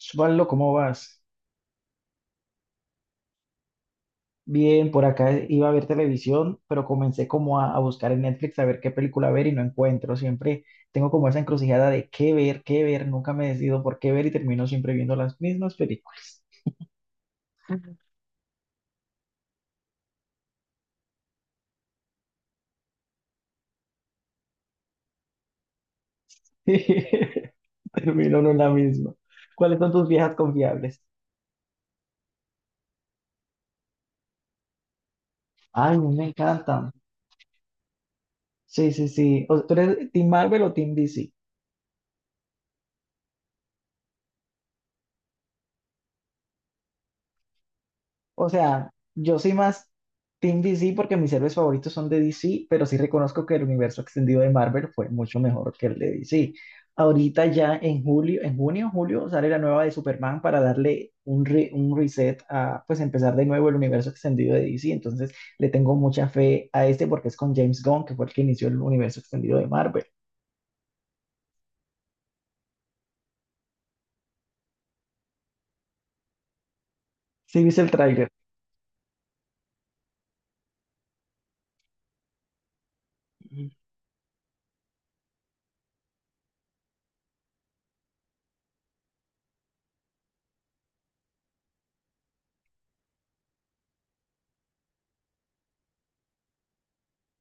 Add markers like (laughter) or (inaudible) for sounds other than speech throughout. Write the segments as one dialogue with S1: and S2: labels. S1: Osvaldo, ¿cómo vas? Bien, por acá iba a ver televisión, pero comencé como a buscar en Netflix a ver qué película ver y no encuentro. Siempre tengo como esa encrucijada de qué ver, qué ver. Nunca me decido por qué ver y termino siempre viendo las mismas películas. (laughs) Termino en una misma. ¿Cuáles son tus viejas confiables? Ay, me encantan. Sí, sí, sí. ¿Tú eres Team Marvel o Team DC? O sea, yo soy más Team DC porque mis héroes favoritos son de DC, pero sí reconozco que el universo extendido de Marvel fue mucho mejor que el de DC. Ahorita ya en julio, en junio, julio, sale la nueva de Superman para darle un reset a, pues, empezar de nuevo el universo extendido de DC. Entonces, le tengo mucha fe a este porque es con James Gunn, que fue el que inició el universo extendido de Marvel. ¿Sí viste el tráiler?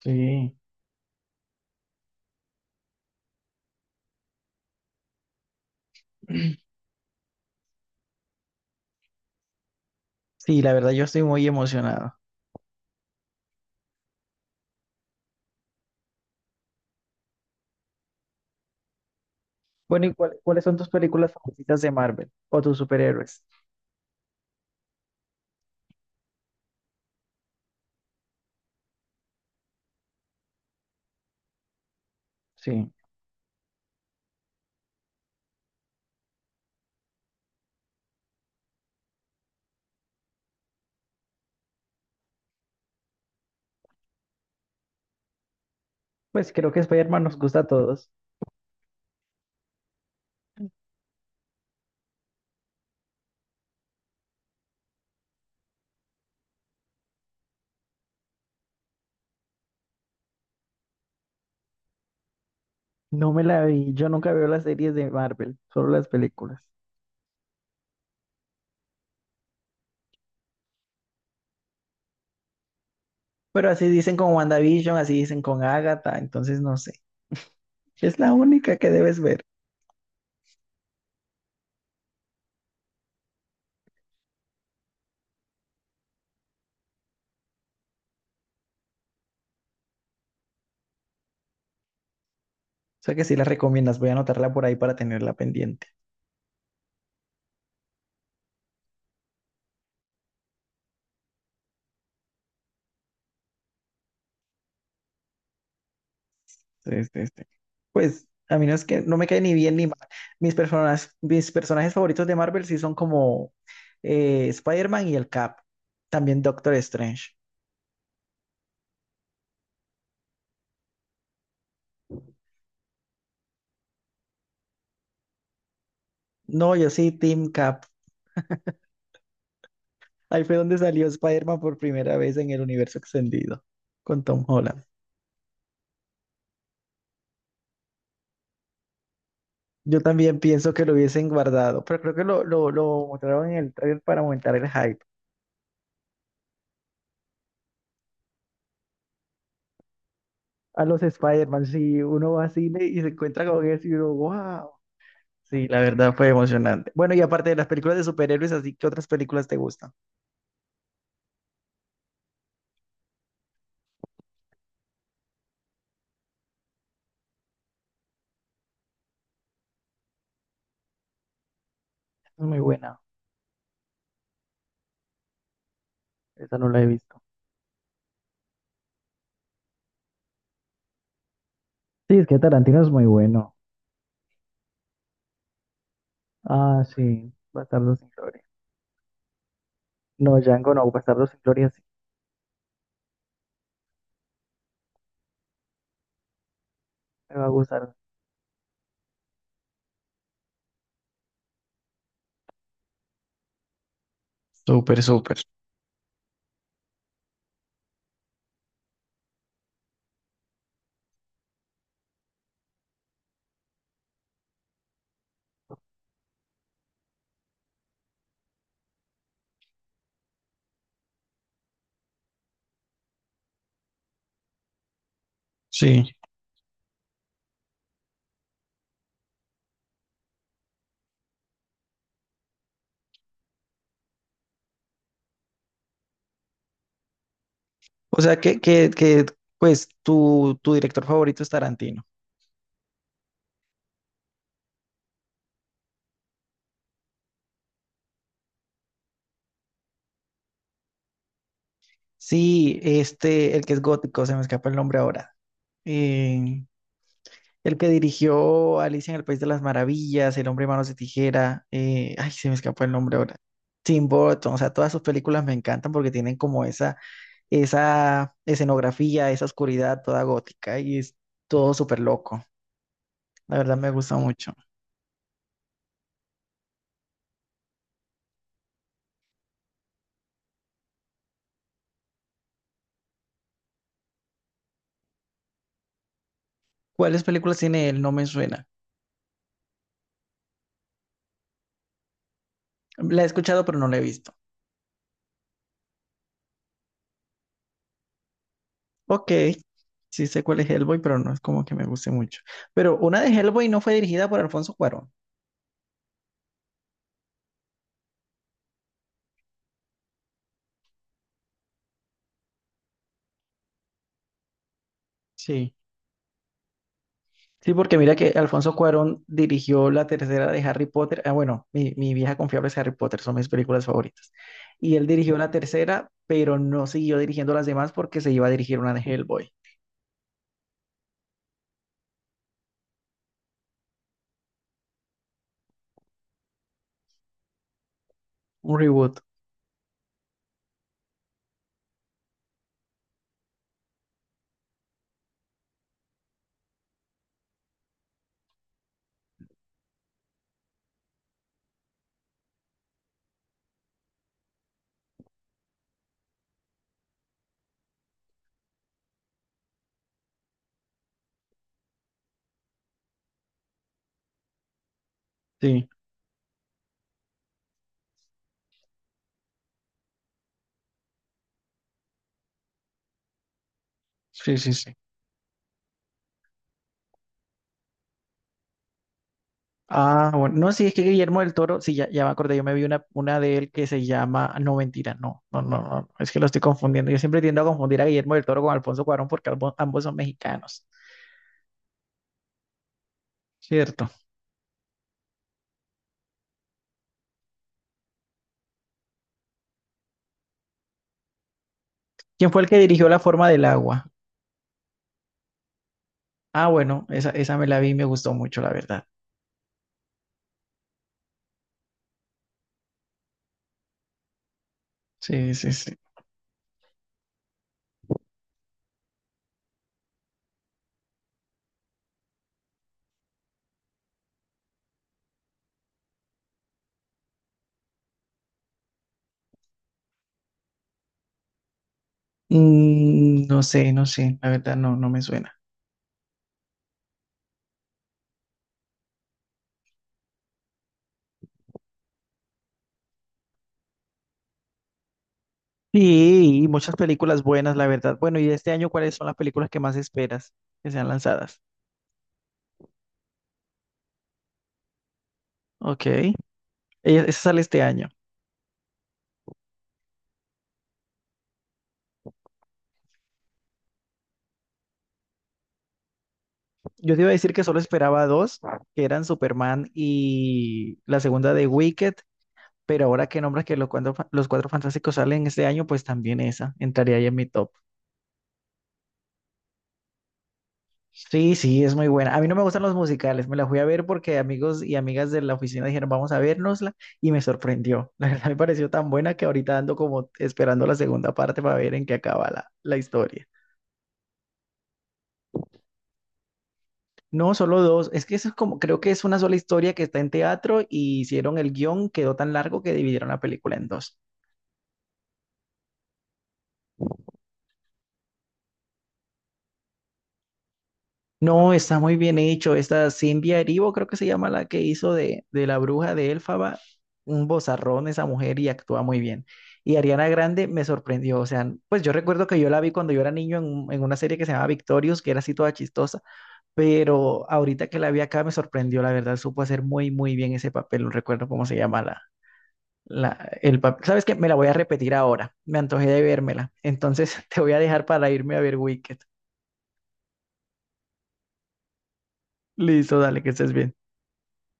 S1: Sí. Sí, la verdad yo estoy muy emocionado. Bueno, ¿y cuáles son tus películas favoritas de Marvel o tus superhéroes? Sí, pues creo que Spider-Man nos gusta a todos. No me la vi, yo nunca veo las series de Marvel, solo las películas. Pero así dicen con WandaVision, así dicen con Agatha, entonces no sé. Es la única que debes ver. O sea que sí la recomiendas, voy a anotarla por ahí para tenerla pendiente. Sí, sí, sí. Pues a mí no es que no me cae ni bien ni mal. Mis personajes favoritos de Marvel sí son como Spider-Man y el Cap. También Doctor Strange. No, yo sí, Team Cap. Ahí fue donde salió Spider-Man por primera vez en el universo extendido con Tom Holland. Yo también pienso que lo hubiesen guardado, pero creo que lo mostraron en el trailer para aumentar el hype. A los Spider-Man, si uno va al cine y se encuentra con eso y uno, wow. Sí, la verdad fue emocionante. Bueno, y aparte de las películas de superhéroes, así que otras películas te gustan. Es muy buena. Esa no la he visto. Sí, es que Tarantino es muy bueno. Ah, sí. Bastardo sin gloria. No, Django no. Bastardo sin gloria sí. Me va a gustar. Súper, súper. Sí. O sea que pues tu director favorito es Tarantino. Sí, este, el que es gótico, se me escapa el nombre ahora. Eh, el que dirigió Alicia en el País de las Maravillas, El Hombre de Manos de Tijera, ay, se me escapa el nombre ahora. Tim Burton, o sea, todas sus películas me encantan porque tienen como esa escenografía, esa oscuridad toda gótica y es todo súper loco. La verdad me gusta mucho. ¿Cuáles películas tiene él? No me suena. La he escuchado, pero no la he visto. Ok, sí sé cuál es Hellboy, pero no es como que me guste mucho. Pero una de Hellboy no fue dirigida por Alfonso Cuarón. Sí. Sí, porque mira que Alfonso Cuarón dirigió la tercera de Harry Potter. Ah, bueno, mi vieja confiable es Harry Potter, son mis películas favoritas. Y él dirigió la tercera, pero no siguió dirigiendo las demás porque se iba a dirigir una de Hellboy, un reboot. Sí, sí, sí, sí. Ah, bueno, no, sí, es que Guillermo del Toro, sí, ya, ya me acordé, yo me vi una de él que se llama, no, mentira, no, no, no, no, es que lo estoy confundiendo, yo siempre tiendo a confundir a Guillermo del Toro con Alfonso Cuarón porque ambos son mexicanos, ¿cierto? ¿Quién fue el que dirigió La forma del agua? Ah, bueno, esa me la vi y me gustó mucho, la verdad. Sí, sí, sí. No sé, no sé, la verdad no me suena. Sí, y muchas películas buenas, la verdad. Bueno, y de este año, ¿cuáles son las películas que más esperas que sean lanzadas? Ok, esa sale este año. Yo te iba a decir que solo esperaba dos, que eran Superman y la segunda de Wicked, pero ahora que nombras que los cuatro fantásticos salen este año, pues también esa entraría ahí en mi top. Sí, sí, es muy buena. A mí no me gustan los musicales, me la fui a ver porque amigos y amigas de la oficina dijeron vamos a vernosla y me sorprendió. (laughs) La verdad me pareció tan buena que ahorita ando como esperando la segunda parte para ver en qué acaba la historia. No, solo dos. Es que eso es como, creo que es una sola historia que está en teatro y hicieron el guión, quedó tan largo que dividieron la película en dos. No, está muy bien hecho. Esta Cynthia Erivo, creo que se llama la que hizo de la bruja de Elfaba, un bozarrón esa mujer y actúa muy bien. Y Ariana Grande me sorprendió. O sea, pues yo recuerdo que yo la vi cuando yo era niño en una serie que se llamaba Victorious, que era así toda chistosa, pero ahorita que la vi acá me sorprendió, la verdad, supo hacer muy, muy bien ese papel. No recuerdo cómo se llama el papel. ¿Sabes qué? Me la voy a repetir ahora. Me antojé de vérmela. Entonces (laughs) te voy a dejar para irme a ver Wicked. Listo, dale, que estés bien.